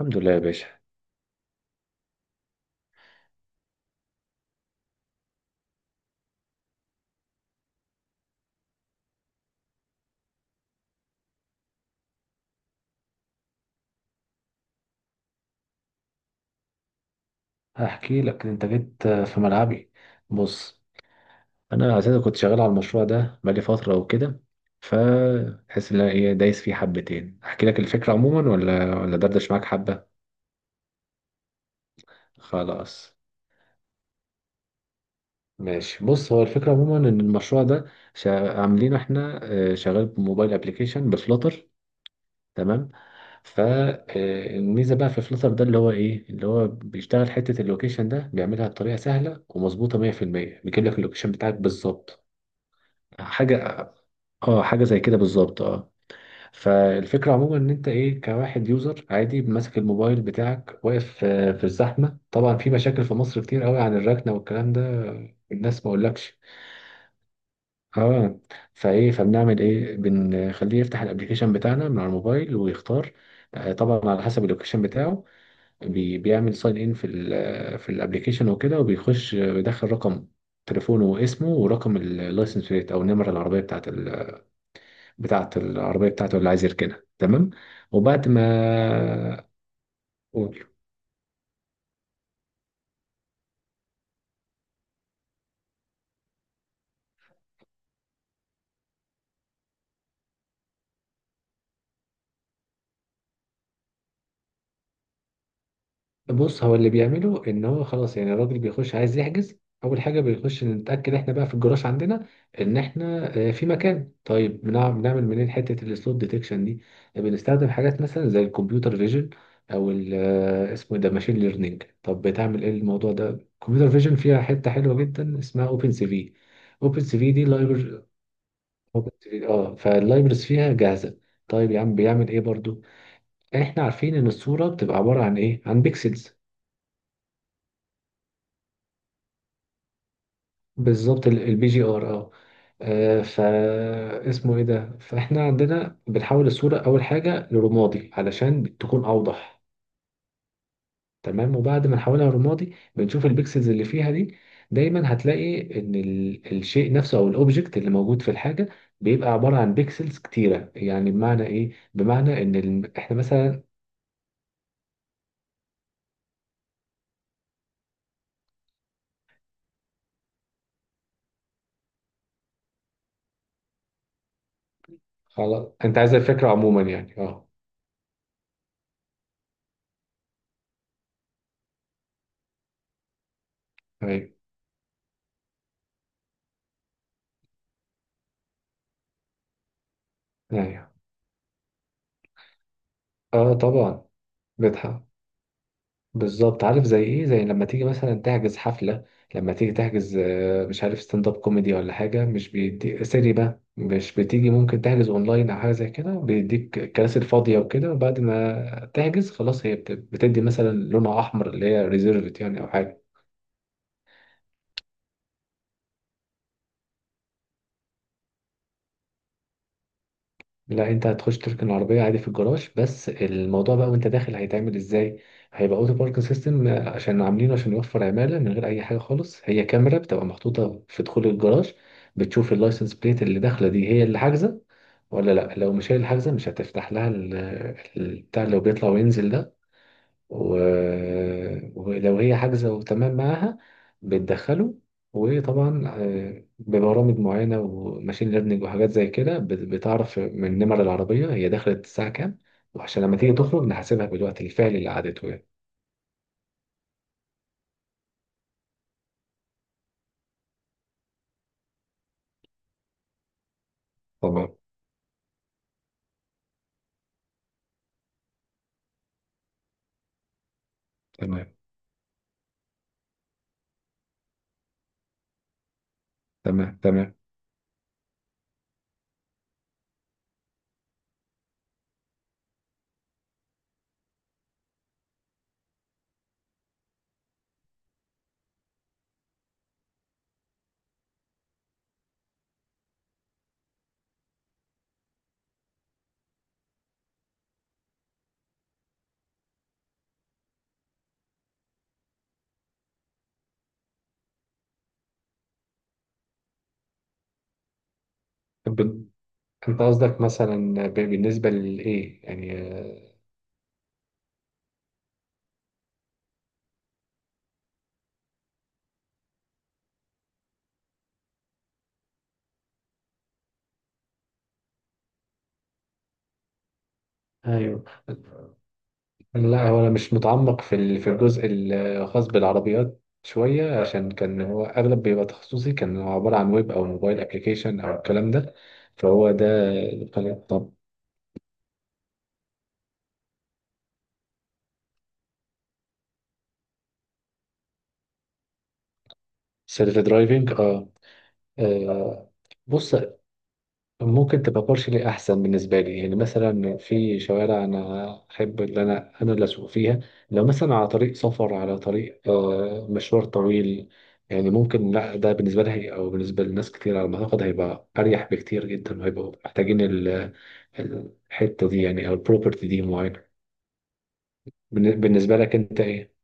الحمد لله يا باشا. هحكي لك، انت جيت في ملعبي. بص، انا اساسا كنت شغال على المشروع ده بقالي فتره وكده. فتحس ان انا ايه؟ دايس فيه حبتين. احكي لك الفكره عموما ولا دردش معاك حبه؟ خلاص، ماشي. بص، هو الفكره عموما ان المشروع ده عاملينه احنا. شغال بموبايل ابلكيشن بفلوتر. تمام. فالميزه بقى في فلتر ده، اللي هو ايه؟ اللي هو بيشتغل حته اللوكيشن ده، بيعملها بطريقه سهله ومظبوطه 100%. بيجيب لك اللوكيشن بتاعك بالظبط. حاجة، اه، حاجة زي كده بالظبط، اه. فالفكرة عموما ان انت ايه، كواحد يوزر عادي ماسك الموبايل بتاعك واقف، في الزحمة. طبعا في مشاكل في مصر كتير قوي عن الركنة والكلام ده. الناس ما اقولكش، اه. فايه، فبنعمل ايه؟ بنخليه يفتح الابليكيشن بتاعنا من على الموبايل ويختار. طبعا على حسب اللوكيشن بتاعه. بيعمل ساين ان في ال في الابليكيشن وكده، وبيخش، بيدخل رقم تليفونه واسمه، ورقم اللايسنس بليت او النمرة العربية بتاعة العربية بتاعته اللي عايز يركنها. تمام. وبعد ما قول. بص، هو اللي بيعمله ان هو خلاص، يعني الراجل بيخش عايز يحجز. اول حاجة بيخش نتأكد احنا بقى في الجراج عندنا ان احنا في مكان. طيب، بنعمل منين حتة السلوت ديتكشن دي؟ بنستخدم حاجات مثلا زي الكمبيوتر فيجن او ال اسمه إيه ده، ماشين ليرنينج. طب بتعمل ايه الموضوع ده؟ الكمبيوتر فيجن فيها حتة حلوة جدا اسمها اوبن سي في. اوبن سي في دي، اوبن 3، اه، فاللايبرز فيها جاهزه. طيب يا عم بيعمل ايه برضو؟ احنا عارفين ان الصوره بتبقى عباره عن ايه؟ عن بيكسلز. بالظبط، البي جي ار، اه. فا اسمه ايه ده، فاحنا عندنا بنحول الصوره اول حاجه لرمادي علشان تكون اوضح. تمام. وبعد ما نحولها رمادي بنشوف البيكسلز اللي فيها دي. دايما هتلاقي ان الشيء نفسه او الاوبجكت اللي موجود في الحاجه بيبقى عباره عن بيكسلز كتيره. يعني بمعنى ايه؟ بمعنى ان ال... احنا مثلا. خلاص، انت عايز الفكرة عموما يعني، اه. ايوه، ايوه، اه، طبعا. بتحق. بالظبط. عارف زي ايه؟ زي لما تيجي مثلا تحجز حفلة. لما تيجي تحجز مش عارف ستاند اب كوميدي ولا حاجة، مش بيدي سيري بقى، مش بتيجي ممكن تحجز اونلاين او حاجة زي كده؟ بيديك الكراسي الفاضية وكده، وبعد ما تحجز خلاص هي بتدي مثلا لونها احمر اللي هي ريزيرفد يعني، او حاجة. لا، انت هتخش تركن العربية عادي في الجراج، بس الموضوع بقى وانت داخل هيتعمل ازاي. هيبقى اوتو باركن سيستم، عشان عاملينه عشان يوفر عمالة من غير اي حاجة خالص. هي كاميرا بتبقى محطوطة في دخول الجراج، بتشوف اللايسنس بليت اللي داخلة دي هي اللي حاجزة ولا لا. لو مش هي اللي حاجزة مش هتفتح لها البتاع اللي هو بيطلع وينزل ده. و... ولو هي حاجزة وتمام معاها بتدخله. وطبعا ببرامج معينة وماشين ليرنينج وحاجات زي كده بتعرف من نمر العربية هي دخلت الساعة كام. وعشان لما تيجي تخرج نحاسبها بالوقت الفعلي اللي قعدته، يعني. تمام، تمام. تمام، تمام. طب انت قصدك مثلا بالنسبة لإيه يعني؟ آه، ايوه. لا، هو انا مش متعمق في في الجزء الخاص بالعربيات شويه، عشان كان هو اغلب بيبقى تخصصي، كان هو عباره عن ويب او موبايل ابلكيشن او الكلام ده. فهو ده اللي طب. سيلف درايفنج، اه. آه، بص، ممكن تبقى لي احسن بالنسبه لي. يعني مثلا في شوارع انا احب ان انا اللي اسوق فيها. لو مثلا على طريق سفر، على طريق مشوار طويل، يعني ممكن. لا، ده بالنسبه لي، او بالنسبه لناس كتير على ما اعتقد، هيبقى اريح بكتير جدا، وهيبقوا محتاجين الحته دي يعني، او البروبرتي دي معينه. بالنسبه لك انت ايه؟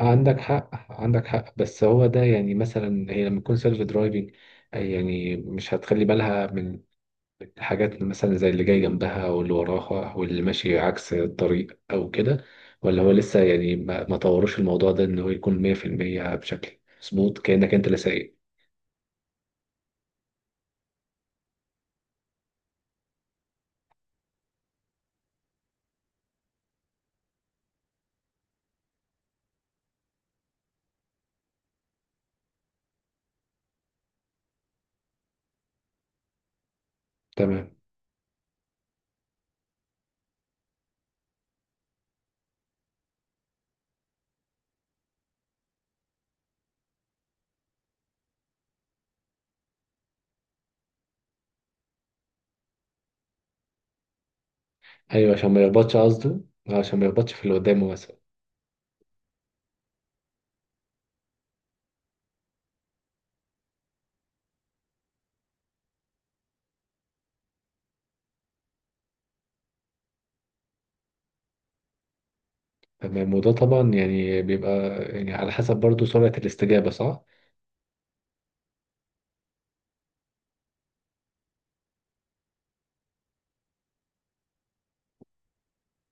عندك حق، عندك حق. بس هو ده يعني، مثلا هي لما تكون سيلف درايفنج، يعني مش هتخلي بالها من حاجات مثلا زي اللي جاي جنبها واللي وراها واللي ماشي عكس الطريق أو كده؟ ولا هو لسه يعني ما طورش الموضوع ده إن هو يكون 100% بشكل مظبوط كأنك أنت اللي سايق؟ تمام. أيوه، عشان ما يخبطش قصده. عشان ما يخبطش في اللي قدامه مثلا. تمام. وده طبعا يعني بيبقى يعني على حسب برضو سرعة الاستجابة، صح؟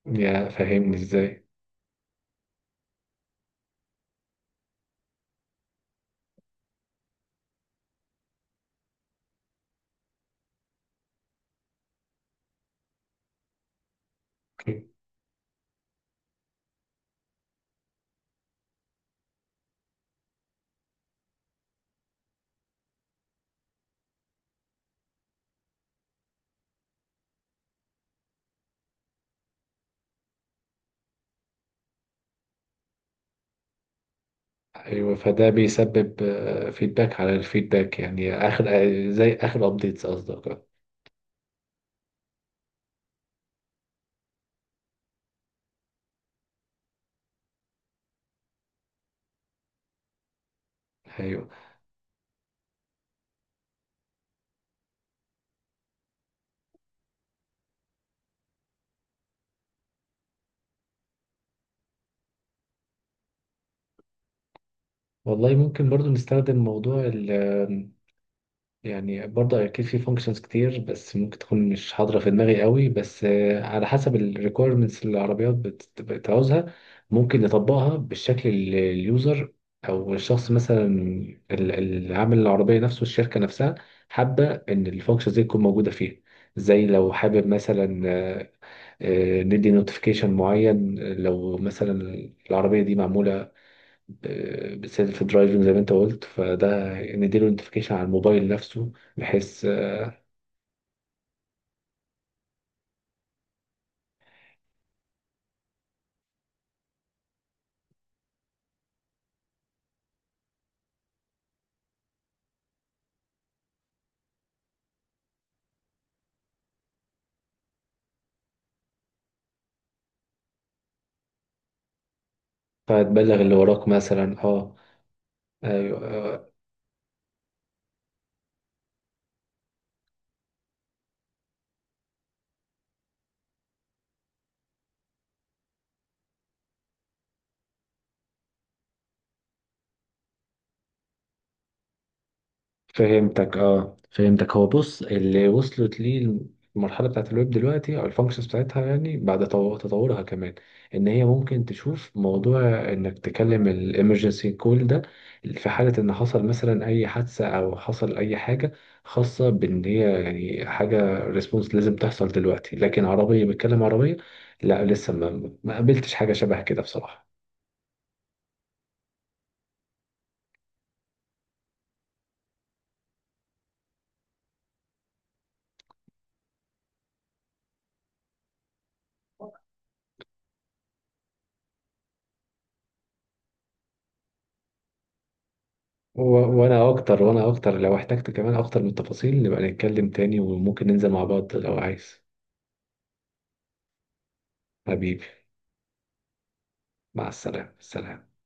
يا فاهمني إزاي؟ ايوه. فده بيسبب فيدباك على الفيدباك، يعني اخر، زي اخر ابديتس قصدك، ايوه. والله، ممكن برضو نستخدم موضوع ال. يعني برضو أكيد في functions كتير، بس ممكن تكون مش حاضرة في دماغي قوي بس. على حسب ال requirements اللي العربيات بتعوزها، ممكن نطبقها بالشكل اللي اليوزر أو الشخص مثلا اللي عامل العربية نفسه، الشركة نفسها، حابة إن الفانكشنز دي تكون موجودة فيها. زي لو حابب مثلا، ندي نوتيفيكيشن معين. لو مثلا العربية دي معمولة بالسيلف درايفنج زي ما انت قلت، فده نديله نوتيفيكيشن على الموبايل نفسه، بحيث فهتبلغ اللي وراك مثلا، اه. ايوه، فهمتك، اه، فهمتك. هو بص، اللي وصلت ليه المرحله بتاعت الويب دلوقتي او الفانكشنز بتاعتها، يعني بعد تطورها كمان، ان هي ممكن تشوف موضوع انك تكلم الامرجنسي كول ده في حاله ان حصل مثلا اي حادثه، او حصل اي حاجه خاصه بان هي، يعني حاجه ريسبونس لازم تحصل دلوقتي. لكن عربيه بتكلم عربيه، لا، لسه ما قابلتش حاجه شبه كده بصراحه. وانا اكتر، وانا اكتر. لو احتجت كمان اكتر من التفاصيل نبقى نتكلم تاني، وممكن ننزل مع بعض لو عايز. حبيبي. مع السلامة، سلام.